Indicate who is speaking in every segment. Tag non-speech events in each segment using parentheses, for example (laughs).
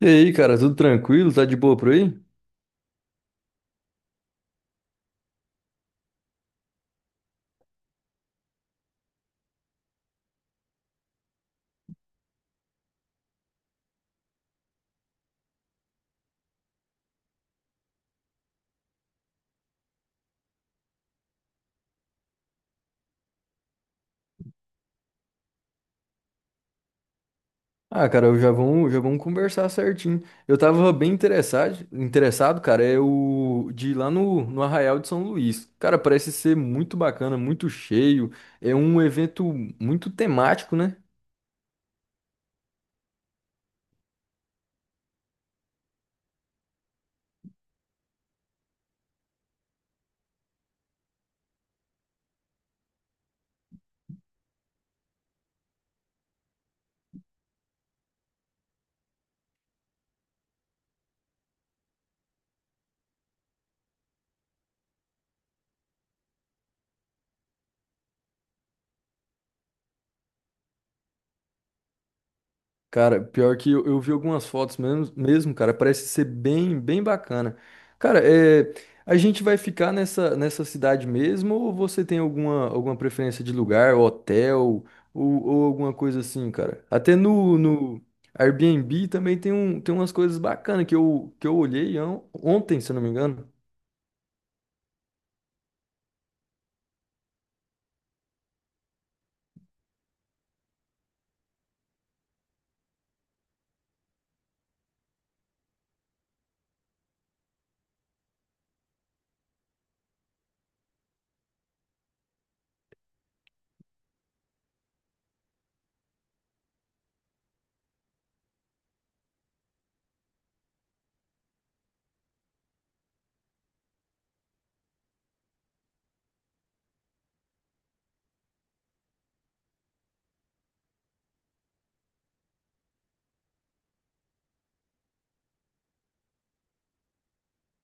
Speaker 1: E aí, cara, tudo tranquilo? Tá de boa por aí? Ah, cara, já vamos conversar certinho. Eu tava bem interessado, cara, é o de ir lá no Arraial de São Luís. Cara, parece ser muito bacana, muito cheio. É um evento muito temático, né? Cara, pior que eu vi algumas fotos mesmo, cara, parece ser bem, bem bacana. Cara, é, a gente vai ficar nessa cidade mesmo ou você tem alguma, alguma preferência de lugar, hotel ou alguma coisa assim, cara? Até no Airbnb também tem, um, tem umas coisas bacanas que eu olhei ontem, se eu não me engano.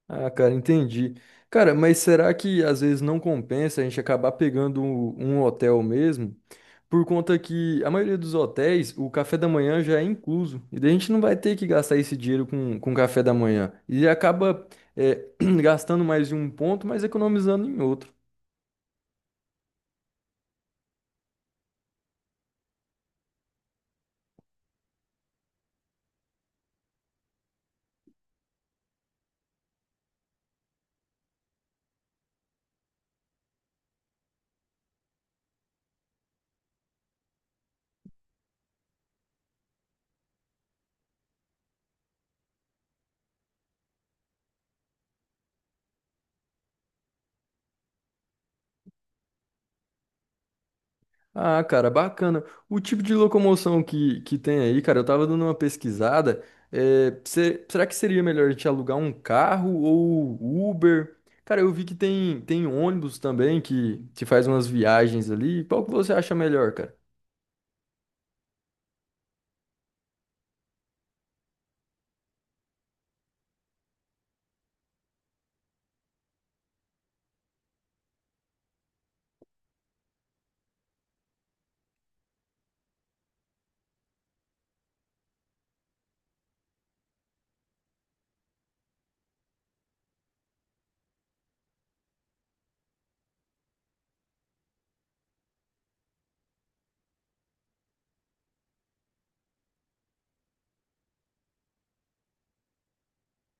Speaker 1: Ah, cara, entendi. Cara, mas será que às vezes não compensa a gente acabar pegando um hotel mesmo? Por conta que a maioria dos hotéis, o café da manhã já é incluso. E daí a gente não vai ter que gastar esse dinheiro com café da manhã. E acaba, é, (clears throat) gastando mais em um ponto, mas economizando em outro. Ah, cara, bacana. O tipo de locomoção que tem aí, cara, eu tava dando uma pesquisada. Se será que seria melhor a gente alugar um carro ou Uber? Cara, eu vi que tem, tem ônibus também que faz umas viagens ali. Qual que você acha melhor, cara?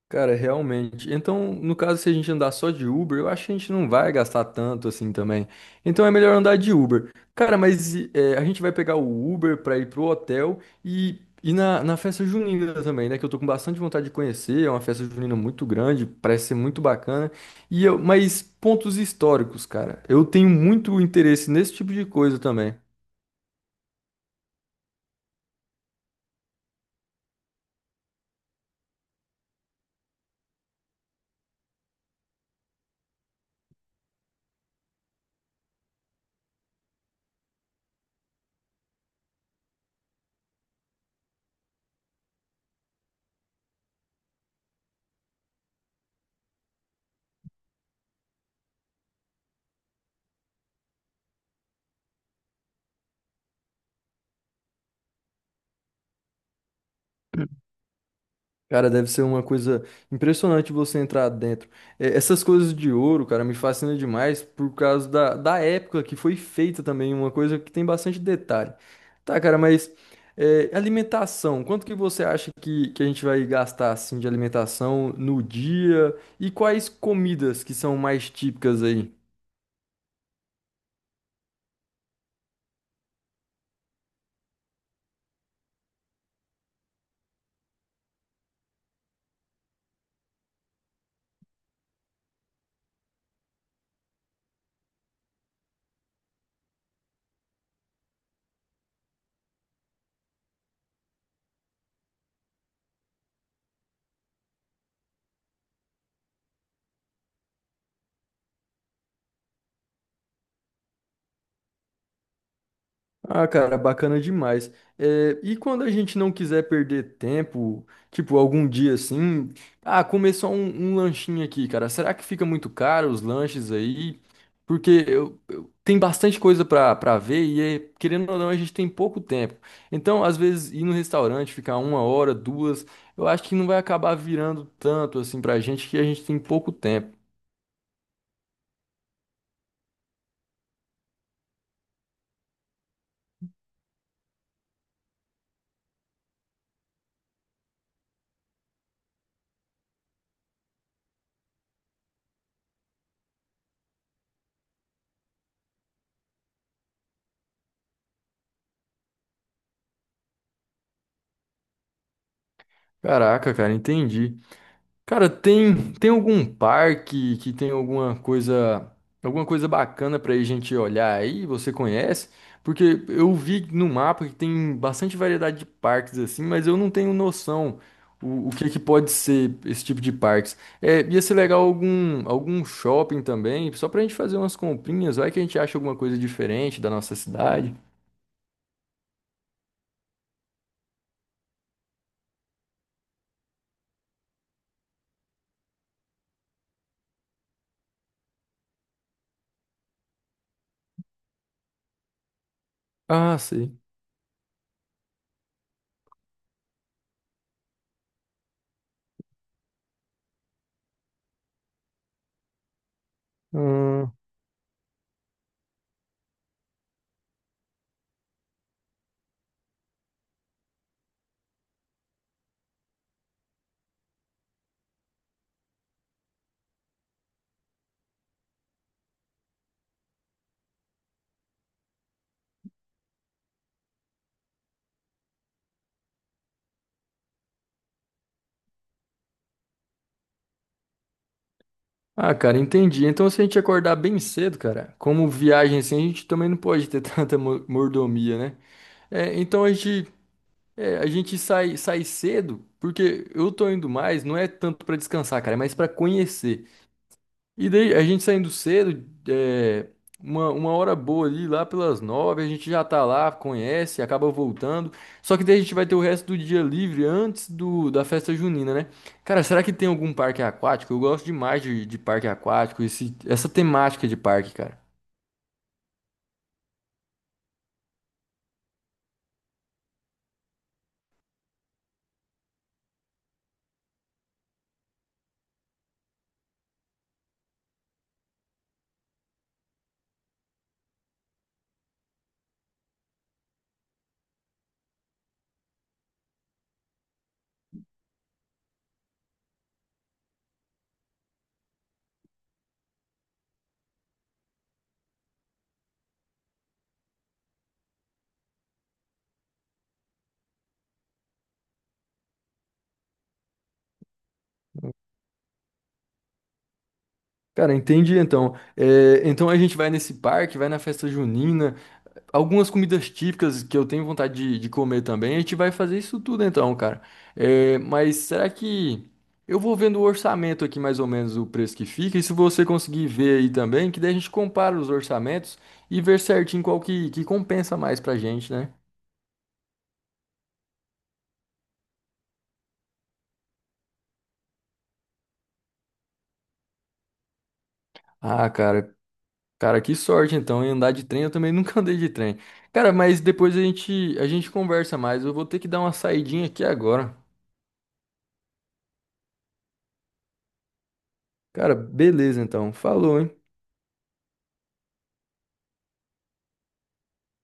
Speaker 1: Cara, realmente. Então, no caso, se a gente andar só de Uber, eu acho que a gente não vai gastar tanto assim também. Então é melhor andar de Uber. Cara, mas é, a gente vai pegar o Uber pra ir pro hotel e na festa junina também, né? Que eu tô com bastante vontade de conhecer. É uma festa junina muito grande, parece ser muito bacana. E eu, mas pontos históricos, cara. Eu tenho muito interesse nesse tipo de coisa também. Cara, deve ser uma coisa impressionante você entrar dentro. É, essas coisas de ouro, cara, me fascina demais por causa da época que foi feita também, uma coisa que tem bastante detalhe. Tá, cara, mas é, alimentação, quanto que você acha que a gente vai gastar assim de alimentação no dia? E quais comidas que são mais típicas aí? Ah, cara, bacana demais. É, e quando a gente não quiser perder tempo, tipo, algum dia assim, ah, começou um, um lanchinho aqui, cara. Será que fica muito caro os lanches aí? Porque tem bastante coisa pra ver e, é, querendo ou não, a gente tem pouco tempo. Então, às vezes, ir no restaurante, ficar uma hora, duas, eu acho que não vai acabar virando tanto assim pra gente que a gente tem pouco tempo. Caraca, cara, entendi. Cara, tem algum parque que tem alguma coisa bacana pra a gente olhar aí? Você conhece? Porque eu vi no mapa que tem bastante variedade de parques assim, mas eu não tenho noção o que é que pode ser esse tipo de parques. É, ia ser legal algum shopping também, só pra gente fazer umas comprinhas, vai que a gente acha alguma coisa diferente da nossa cidade. Ah, sei. Ah, cara, entendi. Então, se a gente acordar bem cedo, cara, como viagem assim, a gente também não pode ter (laughs) tanta mordomia, né? É, então a gente, é, a gente sai cedo, porque eu tô indo mais, não é tanto pra descansar, cara, é mais pra conhecer. E daí, a gente saindo cedo, é, uma hora boa ali, lá pelas 9, a gente já tá lá, conhece, acaba voltando. Só que daí a gente vai ter o resto do dia livre antes do, da festa junina, né? Cara, será que tem algum parque aquático? Eu gosto demais de parque aquático, esse, essa temática de parque, cara. Cara, entendi então. É, então a gente vai nesse parque, vai na festa junina, algumas comidas típicas que eu tenho vontade de comer também. A gente vai fazer isso tudo então, cara. É, mas será que eu vou vendo o orçamento aqui mais ou menos o preço que fica? E se você conseguir ver aí também, que daí a gente compara os orçamentos e ver certinho qual que compensa mais pra gente, né? Ah, cara, cara, que sorte então em andar de trem. Eu também (laughs) nunca andei de trem. Cara, mas depois a gente conversa mais. Eu vou ter que dar uma saidinha aqui agora. Cara, beleza então. Falou, hein?